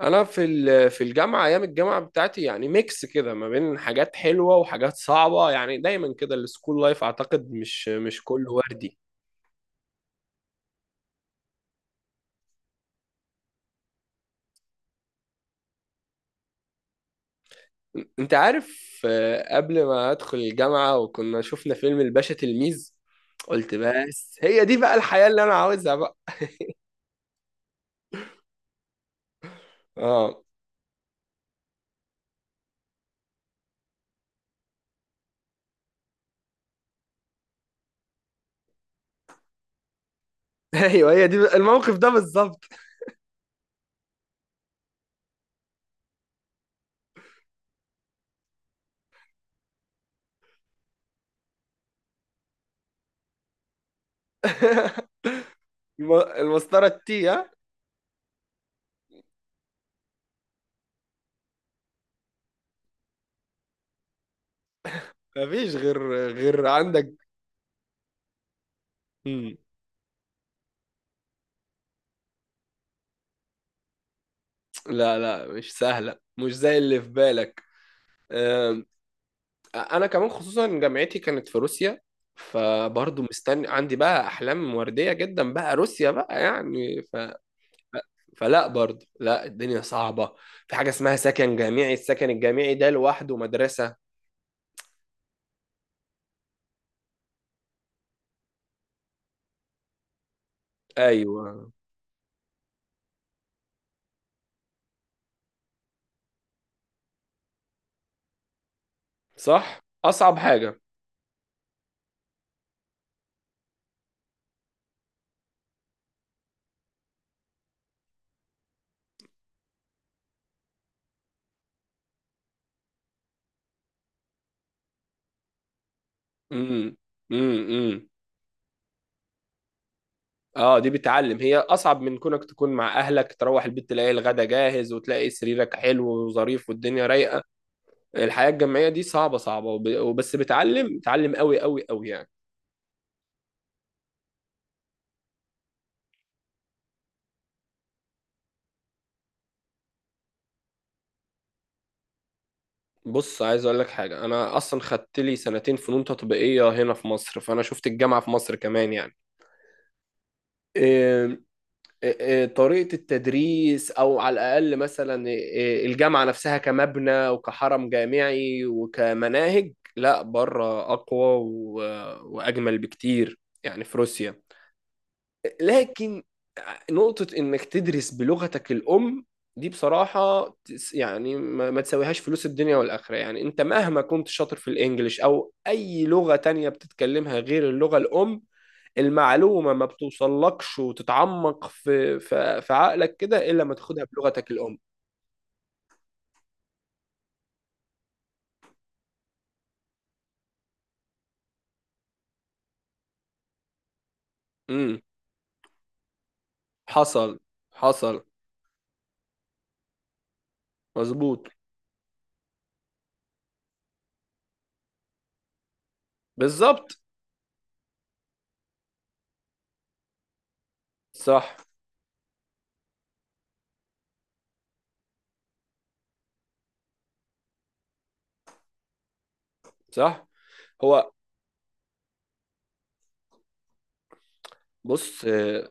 انا في الجامعه، ايام الجامعه بتاعتي، يعني ميكس كده ما بين حاجات حلوه وحاجات صعبه. يعني دايما كده السكول لايف اعتقد مش كله وردي. انت عارف، قبل ما ادخل الجامعه وكنا شفنا فيلم الباشا تلميذ، قلت: بس هي دي بقى الحياه اللي انا عاوزها بقى. اه. ايوه، هي دي الموقف ده بالظبط. المسطره التي ها. مفيش غير، غير عندك. مم. لا لا، مش سهله، مش زي اللي في بالك. انا كمان، خصوصا جامعتي كانت في روسيا، فبرضه مستني عندي بقى احلام ورديه جدا بقى روسيا بقى يعني. فلا، برضه لا، الدنيا صعبه. في حاجه اسمها سكن جامعي، السكن الجامعي ده لوحده مدرسه. ايوه، صح، اصعب حاجه. امم، امم. اه، دي بتعلم، هي اصعب من كونك تكون مع اهلك تروح البيت تلاقي الغدا جاهز وتلاقي سريرك حلو وظريف والدنيا رايقه. الحياه الجامعيه دي صعبه صعبه، وبس بتعلم بتعلم قوي قوي قوي يعني. بص، عايز اقول لك حاجه. انا اصلا خدت لي سنتين فنون تطبيقيه هنا في مصر، فانا شفت الجامعه في مصر كمان يعني. إيه- طريقه التدريس، او على الاقل مثلا الجامعه نفسها كمبنى وكحرم جامعي وكمناهج، لا، بره اقوى واجمل بكتير يعني، في روسيا. لكن نقطة إنك تدرس بلغتك الأم، دي بصراحة يعني ما تساويهاش فلوس الدنيا والآخرة. يعني أنت مهما كنت شاطر في الإنجليش أو أي لغة تانية بتتكلمها غير اللغة الأم، المعلومة ما بتوصلكش وتتعمق في عقلك كده إلا ما تاخدها بلغتك الأم. امم. حصل، حصل، مظبوط، بالظبط، صح، صح. هو بص.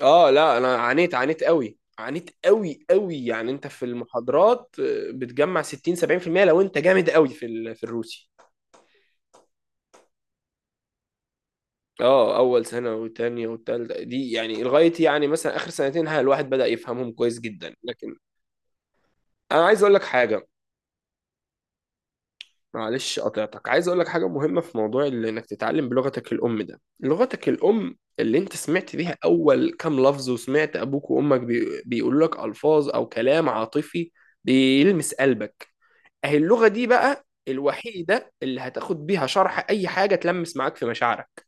اه لا، انا عانيت، عانيت قوي، عانيت قوي قوي، يعني انت في المحاضرات بتجمع 60 70% لو انت جامد قوي في الروسي. اه، اول سنه والتانيه والتالته دي يعني لغايه يعني مثلا اخر سنتين، ها، الواحد بدأ يفهمهم كويس جدا، لكن انا عايز اقول لك حاجه. معلش، قطعتك، عايز اقول لك حاجه مهمه في موضوع انك تتعلم بلغتك الام. ده لغتك الام اللي انت سمعت بيها اول كام لفظ، وسمعت ابوك وامك بيقولوا لك الفاظ او كلام عاطفي، بيلمس قلبك. اهي اللغة دي بقى الوحيدة اللي هتاخد بيها شرح أي حاجة تلمس معاك في مشاعرك.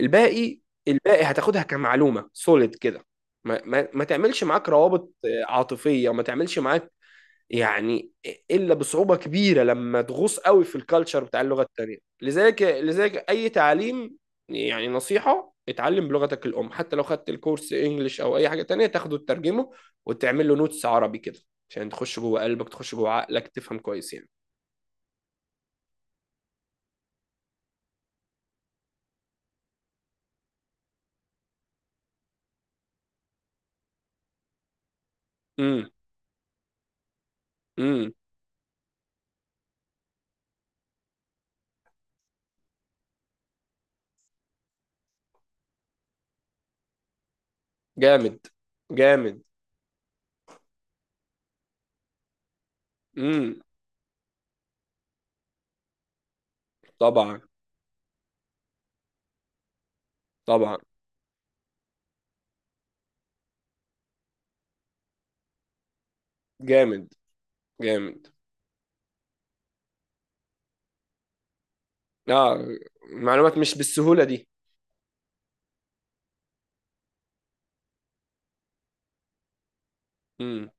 الباقي، الباقي هتاخدها كمعلومة سوليد كده. ما تعملش معاك روابط عاطفية، وما تعملش معاك يعني إلا بصعوبة كبيرة لما تغوص قوي في الكالتشر بتاع اللغة التانية. لذلك أي تعليم، يعني نصيحة: اتعلم بلغتك الأم، حتى لو خدت الكورس إنجليش أو أي حاجة تانية تاخده تترجمه، وتعمل له نوتس عربي كده عشان تخش جوه قلبك، تخش جوه عقلك، تفهم كويس يعني. امم، امم. جامد جامد. امم. طبعا، طبعا. جامد جامد. اه، معلومات مش بالسهولة دي. امم.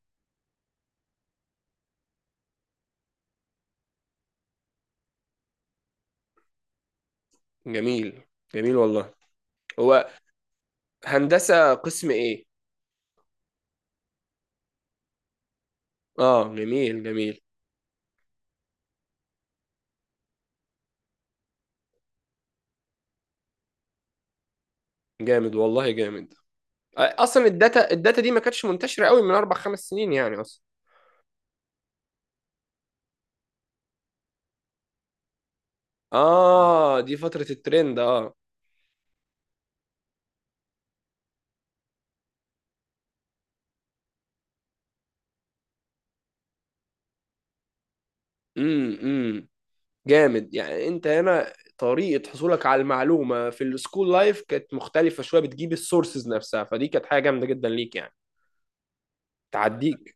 جميل، جميل والله. هو هندسة قسم ايه؟ اه، جميل جميل. جامد والله جامد. اصلا الداتا، الداتا دي ما كانتش منتشرة قوي من 4-5 سنين يعني، اصلا. اه، دي فترة الترند. اه. امم. جامد. يعني انت هنا طريقة حصولك على المعلومة في السكول لايف كانت مختلفة شوية، بتجيب السورسز نفسها، فدي كانت حاجة جامدة جدا ليك يعني. تعديك.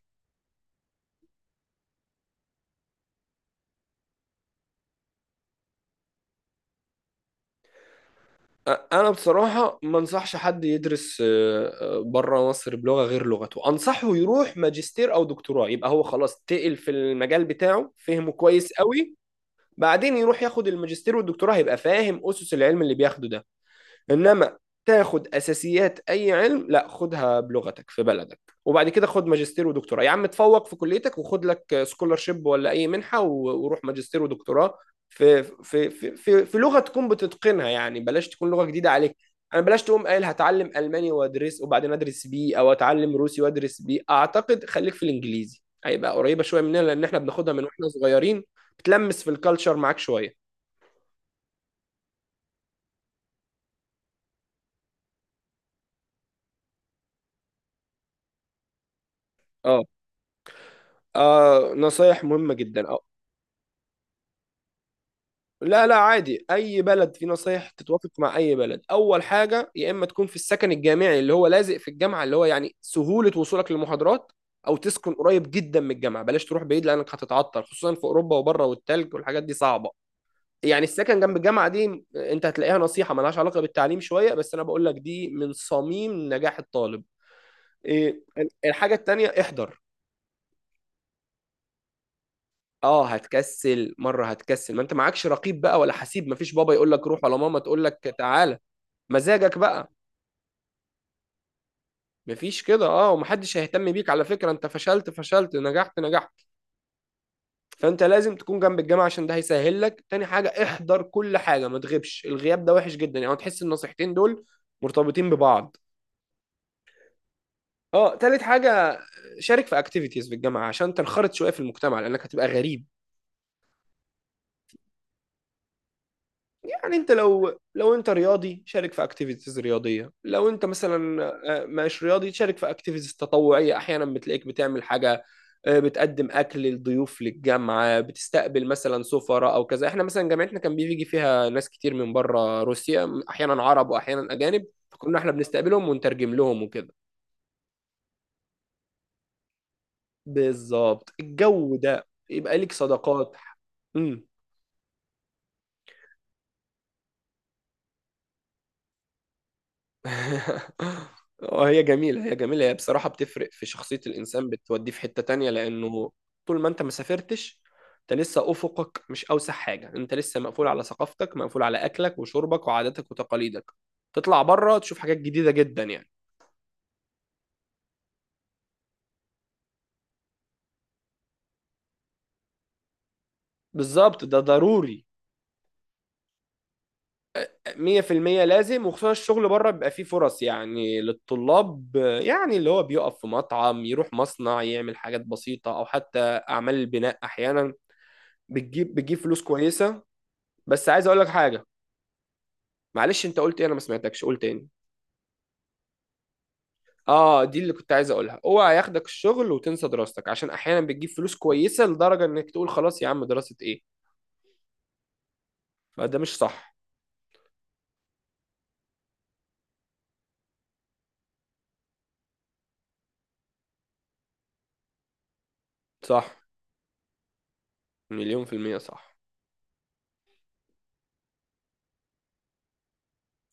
انا بصراحة ما انصحش حد يدرس بره مصر بلغة غير لغته. انصحه يروح ماجستير او دكتوراه، يبقى هو خلاص تقل في المجال بتاعه، فهمه كويس قوي. بعدين يروح ياخد الماجستير والدكتوراه، هيبقى فاهم اسس العلم اللي بياخده ده. انما تاخد اساسيات اي علم، لا، خدها بلغتك في بلدك. وبعد كده خد ماجستير ودكتوراه، يا عم تفوق في كليتك وخد لك سكولارشيب ولا اي منحه وروح ماجستير ودكتوراه في لغه تكون بتتقنها يعني، بلاش تكون لغه جديده عليك. انا بلاش تقوم قايل هتعلم الماني وادرس وبعدين ادرس بيه، او اتعلم روسي وادرس بيه. اعتقد خليك في الانجليزي، هيبقى قريبه شويه مننا لان احنا بناخدها من واحنا صغيرين، بتلمس في الكالتشر معاك شويه. اه. نصايح مهمة جدا. لا لا، عادي اي بلد، في نصايح تتوافق مع اي بلد. اول حاجه: يا اما تكون في السكن الجامعي اللي هو لازق في الجامعه، اللي هو يعني سهوله وصولك للمحاضرات، او تسكن قريب جدا من الجامعه. بلاش تروح بعيد لانك هتتعطل، خصوصا في اوروبا وبره، والتلج والحاجات دي صعبه. يعني السكن جنب الجامعه دي، انت هتلاقيها نصيحه ملهاش علاقه بالتعليم شويه، بس انا بقول لك دي من صميم نجاح الطالب. إيه، الحاجه التانيه: احضر. اه، هتكسل، مره هتكسل. ما انت معكش رقيب بقى ولا حسيب، مفيش بابا يقول لك روح ولا ماما تقول لك تعالى، مزاجك بقى. مفيش كده. اه، ومحدش هيهتم بيك على فكرة، انت فشلت فشلت، نجحت نجحت. فانت لازم تكون جنب الجامعة عشان ده هيسهل لك. تاني حاجة: احضر كل حاجة، ما تغيبش. الغياب ده وحش جدا، يعني تحس النصيحتين دول مرتبطين ببعض. اه، تالت حاجة: شارك في اكتيفيتيز في الجامعة، عشان تنخرط شوية في المجتمع لانك هتبقى غريب. يعني انت، لو انت رياضي، شارك في اكتيفيتيز رياضيه. لو انت مثلا مش رياضي، شارك في اكتيفيتيز تطوعيه. احيانا بتلاقيك بتعمل حاجه، بتقدم اكل للضيوف للجامعه، بتستقبل مثلا سفراء او كذا. احنا مثلا جامعتنا كان بيجي فيها ناس كتير من بره روسيا، احيانا عرب واحيانا اجانب، فكنا احنا بنستقبلهم ونترجم لهم وكده. بالظبط. الجو ده يبقى ليك صداقات. امم. اه، هي جميلة، هي جميلة. هي بصراحة بتفرق في شخصية الإنسان، بتوديه في حتة تانية لأنه طول ما أنت ما سافرتش، أنت لسه أفقك مش أوسع حاجة، أنت لسه مقفول على ثقافتك، مقفول على أكلك وشربك وعاداتك وتقاليدك. تطلع بره تشوف حاجات جديدة جدا يعني. بالظبط، ده ضروري. 100% لازم، وخصوصا الشغل بره بيبقى فيه فرص يعني للطلاب. يعني اللي هو بيقف في مطعم، يروح مصنع يعمل حاجات بسيطة، أو حتى أعمال البناء أحيانا. بتجيب بتجيب فلوس كويسة. بس عايز اقول لك حاجه. معلش، انت قلت ايه؟ انا ما سمعتكش، قول تاني. اه، دي اللي كنت عايز اقولها. اوعى ياخدك الشغل وتنسى دراستك، عشان احيانا بتجيب فلوس كويسه لدرجه انك تقول: خلاص يا عم، دراسه ايه؟ فده مش صح. صح، مليون في المية صح.